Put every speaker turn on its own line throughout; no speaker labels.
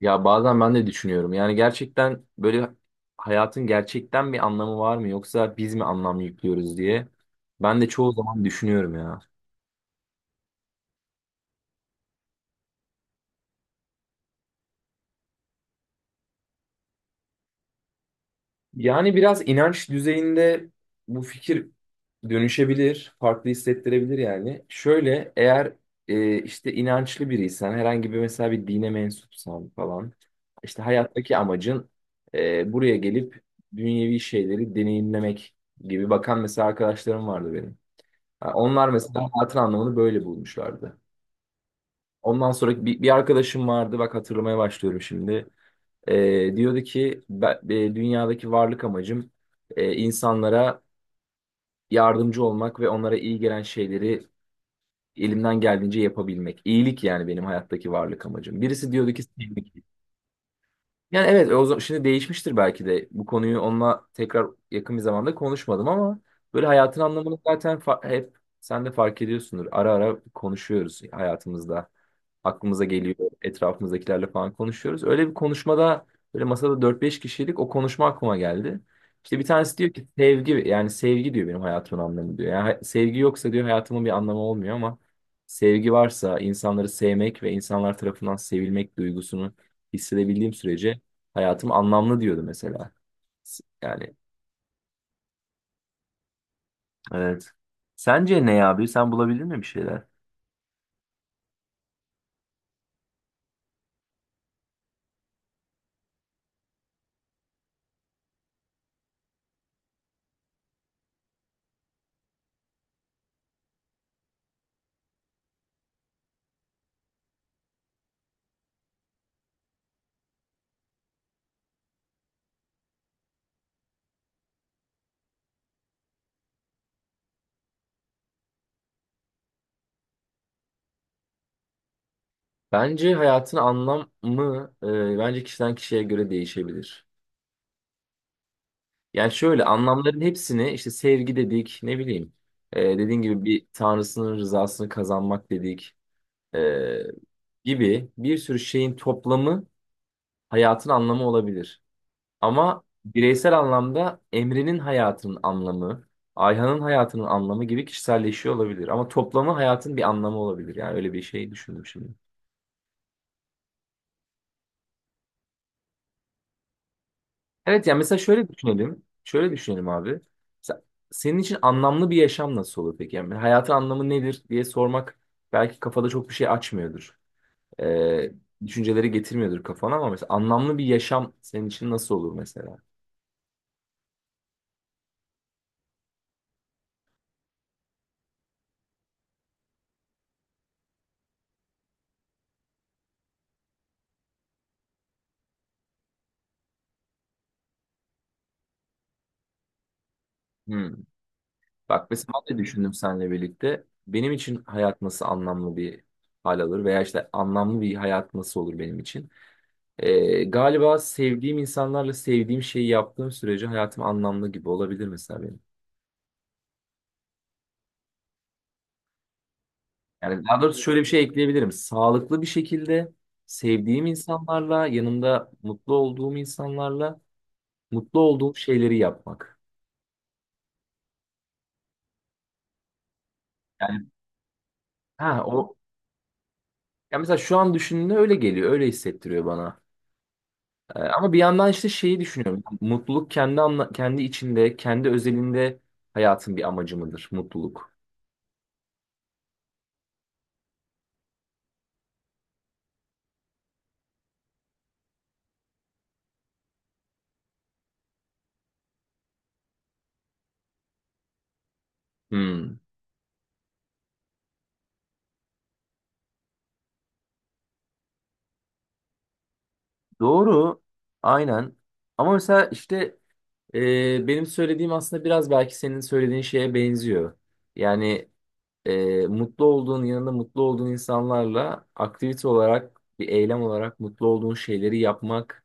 Ya bazen ben de düşünüyorum. Yani gerçekten böyle hayatın gerçekten bir anlamı var mı yoksa biz mi anlam yüklüyoruz diye. Ben de çoğu zaman düşünüyorum ya. Yani biraz inanç düzeyinde bu fikir dönüşebilir, farklı hissettirebilir yani. Şöyle eğer işte inançlı biriysen, herhangi bir mesela bir dine mensupsan falan, işte hayattaki amacın buraya gelip dünyevi şeyleri deneyimlemek gibi bakan mesela arkadaşlarım vardı benim. Ha, onlar mesela hayatın anlamını böyle bulmuşlardı. Ondan sonra bir arkadaşım vardı bak hatırlamaya başlıyorum şimdi. Diyordu ki ben, dünyadaki varlık amacım insanlara yardımcı olmak ve onlara iyi gelen şeyleri elimden geldiğince yapabilmek. İyilik yani benim hayattaki varlık amacım. Birisi diyordu ki sevmek. Yani evet o zaman şimdi değişmiştir belki de. Bu konuyu onunla tekrar yakın bir zamanda konuşmadım ama böyle hayatın anlamını zaten hep sen de fark ediyorsundur. Ara ara konuşuyoruz hayatımızda. Aklımıza geliyor, etrafımızdakilerle falan konuşuyoruz. Öyle bir konuşmada böyle masada 4 5 kişilik o konuşma aklıma geldi. İşte bir tanesi diyor ki sevgi, yani sevgi diyor benim hayatımın anlamı diyor. Yani sevgi yoksa diyor hayatımın bir anlamı olmuyor ama sevgi varsa insanları sevmek ve insanlar tarafından sevilmek duygusunu hissedebildiğim sürece hayatım anlamlı diyordu mesela. Yani evet. Sence ne abi? Sen bulabildin mi bir şeyler? Bence hayatın anlamı, bence kişiden kişiye göre değişebilir. Yani şöyle anlamların hepsini işte sevgi dedik, ne bileyim, dediğin gibi bir tanrısının rızasını kazanmak dedik, e, gibi bir sürü şeyin toplamı hayatın anlamı olabilir. Ama bireysel anlamda Emre'nin hayatının anlamı, Ayhan'ın hayatının anlamı gibi kişiselleşiyor olabilir. Ama toplamı hayatın bir anlamı olabilir. Yani öyle bir şey düşündüm şimdi. Evet yani mesela şöyle düşünelim. Şöyle düşünelim abi. Mesela senin için anlamlı bir yaşam nasıl olur peki? Yani hayatın anlamı nedir diye sormak belki kafada çok bir şey açmıyordur. Ee, düşünceleri getirmiyordur kafana ama mesela anlamlı bir yaşam senin için nasıl olur mesela? Hmm. Bak mesela ben de düşündüm seninle birlikte. Benim için hayat nasıl anlamlı bir hal alır veya işte anlamlı bir hayat nasıl olur benim için. Galiba sevdiğim insanlarla sevdiğim şeyi yaptığım sürece hayatım anlamlı gibi olabilir mesela benim. Yani daha doğrusu şöyle bir şey ekleyebilirim. Sağlıklı bir şekilde sevdiğim insanlarla, yanımda mutlu olduğum insanlarla mutlu olduğum şeyleri yapmak. Yani ha o, ya mesela şu an düşündüğümde öyle geliyor, öyle hissettiriyor bana. Ama bir yandan işte şeyi düşünüyorum. Mutluluk kendi kendi içinde, kendi özelinde hayatın bir amacı mıdır mutluluk? Hmm. Doğru. Aynen. Ama mesela işte benim söylediğim aslında biraz belki senin söylediğin şeye benziyor. Yani mutlu olduğun yanında mutlu olduğun insanlarla aktivite olarak bir eylem olarak mutlu olduğun şeyleri yapmak,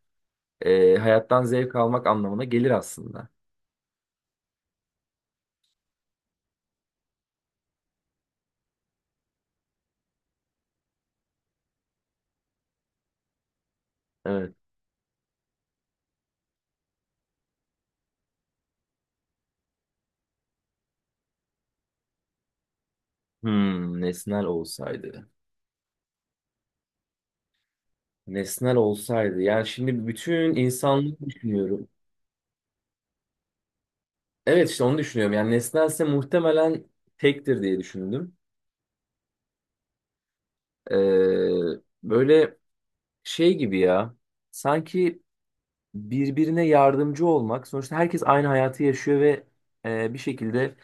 hayattan zevk almak anlamına gelir aslında. Evet. Hmm, nesnel olsaydı. Nesnel olsaydı. Yani şimdi bütün insanlığı düşünüyorum. Evet işte onu düşünüyorum. Yani nesnelse muhtemelen tektir diye düşündüm. Böyle şey gibi ya. Sanki birbirine yardımcı olmak. Sonuçta herkes aynı hayatı yaşıyor ve bir şekilde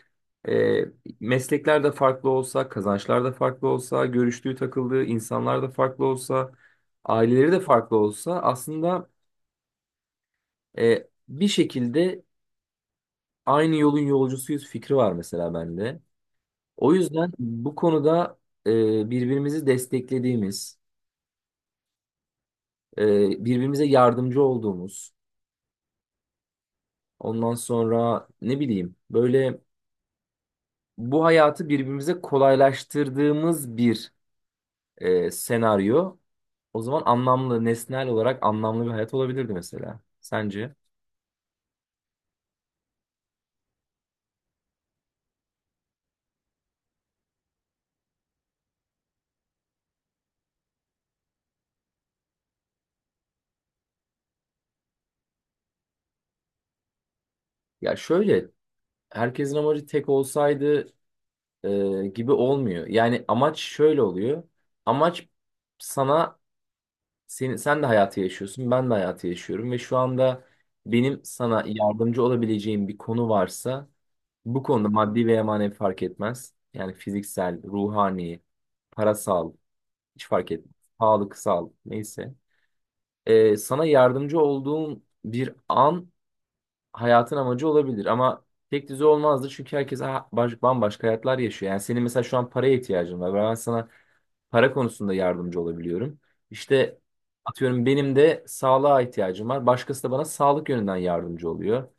e, meslekler de farklı olsa, kazançlar da farklı olsa, görüştüğü takıldığı insanlar da farklı olsa, aileleri de farklı olsa aslında bir şekilde aynı yolun yolcusuyuz fikri var mesela bende. O yüzden bu konuda birbirimizi desteklediğimiz, birbirimize yardımcı olduğumuz, ondan sonra ne bileyim böyle bu hayatı birbirimize kolaylaştırdığımız bir senaryo. O zaman anlamlı, nesnel olarak anlamlı bir hayat olabilirdi mesela. Sence? Ya şöyle, herkesin amacı tek olsaydı gibi olmuyor. Yani amaç şöyle oluyor. Amaç sana senin, sen de hayatı yaşıyorsun, ben de hayatı yaşıyorum ve şu anda benim sana yardımcı olabileceğim bir konu varsa bu konuda maddi veya manevi fark etmez. Yani fiziksel, ruhani, parasal hiç fark etmez. Sağlıksal neyse. Sana yardımcı olduğum bir an hayatın amacı olabilir ama tek düze olmazdı çünkü herkes bambaşka hayatlar yaşıyor. Yani senin mesela şu an paraya ihtiyacın var. Ben sana para konusunda yardımcı olabiliyorum. İşte atıyorum benim de sağlığa ihtiyacım var. Başkası da bana sağlık yönünden yardımcı oluyor.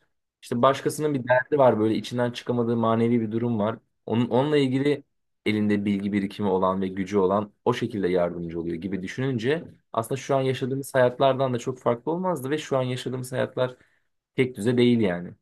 İşte başkasının bir derdi var, böyle içinden çıkamadığı manevi bir durum var. Onunla ilgili elinde bilgi birikimi olan ve gücü olan o şekilde yardımcı oluyor gibi düşününce aslında şu an yaşadığımız hayatlardan da çok farklı olmazdı ve şu an yaşadığımız hayatlar tek düze değil yani.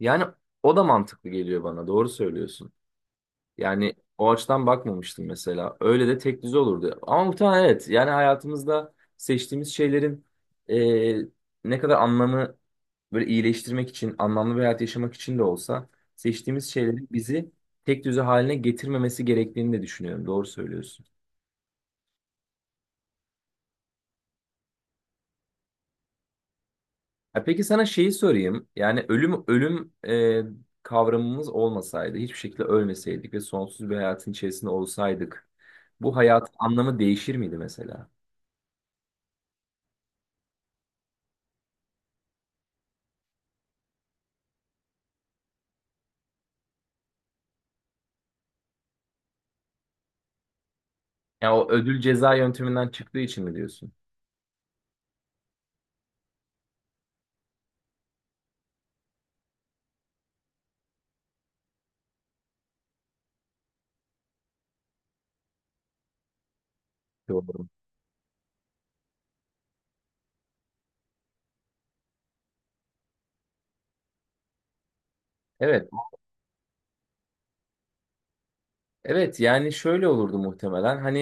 Yani o da mantıklı geliyor bana, doğru söylüyorsun. Yani o açıdan bakmamıştım mesela. Öyle de tek düze olurdu. Ama muhtemelen evet. Yani hayatımızda seçtiğimiz şeylerin eee, ne kadar anlamı böyle iyileştirmek için, anlamlı bir hayat yaşamak için de olsa seçtiğimiz şeylerin bizi tek düze haline getirmemesi gerektiğini de düşünüyorum. Doğru söylüyorsun. Ha, peki sana şeyi sorayım. Yani ölüm kavramımız olmasaydı, hiçbir şekilde ölmeseydik ve sonsuz bir hayatın içerisinde olsaydık, bu hayatın anlamı değişir miydi mesela? Ya o ödül ceza yönteminden çıktığı için mi diyorsun? Doğru. Evet. Evet yani şöyle olurdu muhtemelen. Hani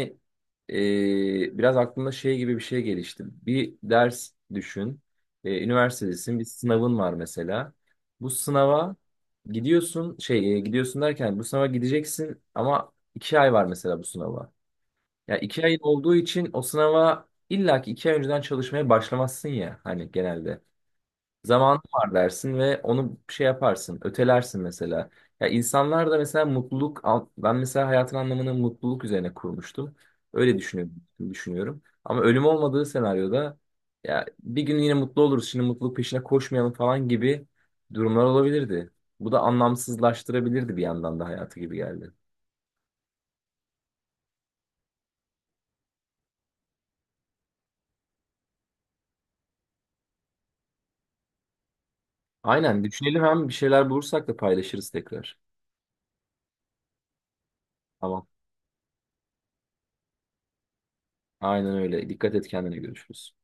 biraz aklımda şey gibi bir şey gelişti. Bir ders düşün. E, üniversitedesin. Bir sınavın var mesela. Bu sınava gidiyorsun derken bu sınava gideceksin ama iki ay var mesela bu sınava. Ya 2 ayın olduğu için o sınava illaki 2 ay önceden çalışmaya başlamazsın ya hani genelde. Zamanın var dersin ve onu şey yaparsın, ötelersin mesela. Ya insanlar da mesela mutluluk, ben mesela hayatın anlamını mutluluk üzerine kurmuştum. Öyle düşünüyorum, düşünüyorum. Ama ölüm olmadığı senaryoda ya bir gün yine mutlu oluruz, şimdi mutluluk peşine koşmayalım falan gibi durumlar olabilirdi. Bu da anlamsızlaştırabilirdi bir yandan da hayatı gibi geldi. Aynen düşünelim, hem bir şeyler bulursak da paylaşırız tekrar. Tamam. Aynen öyle. Dikkat et kendine, görüşürüz.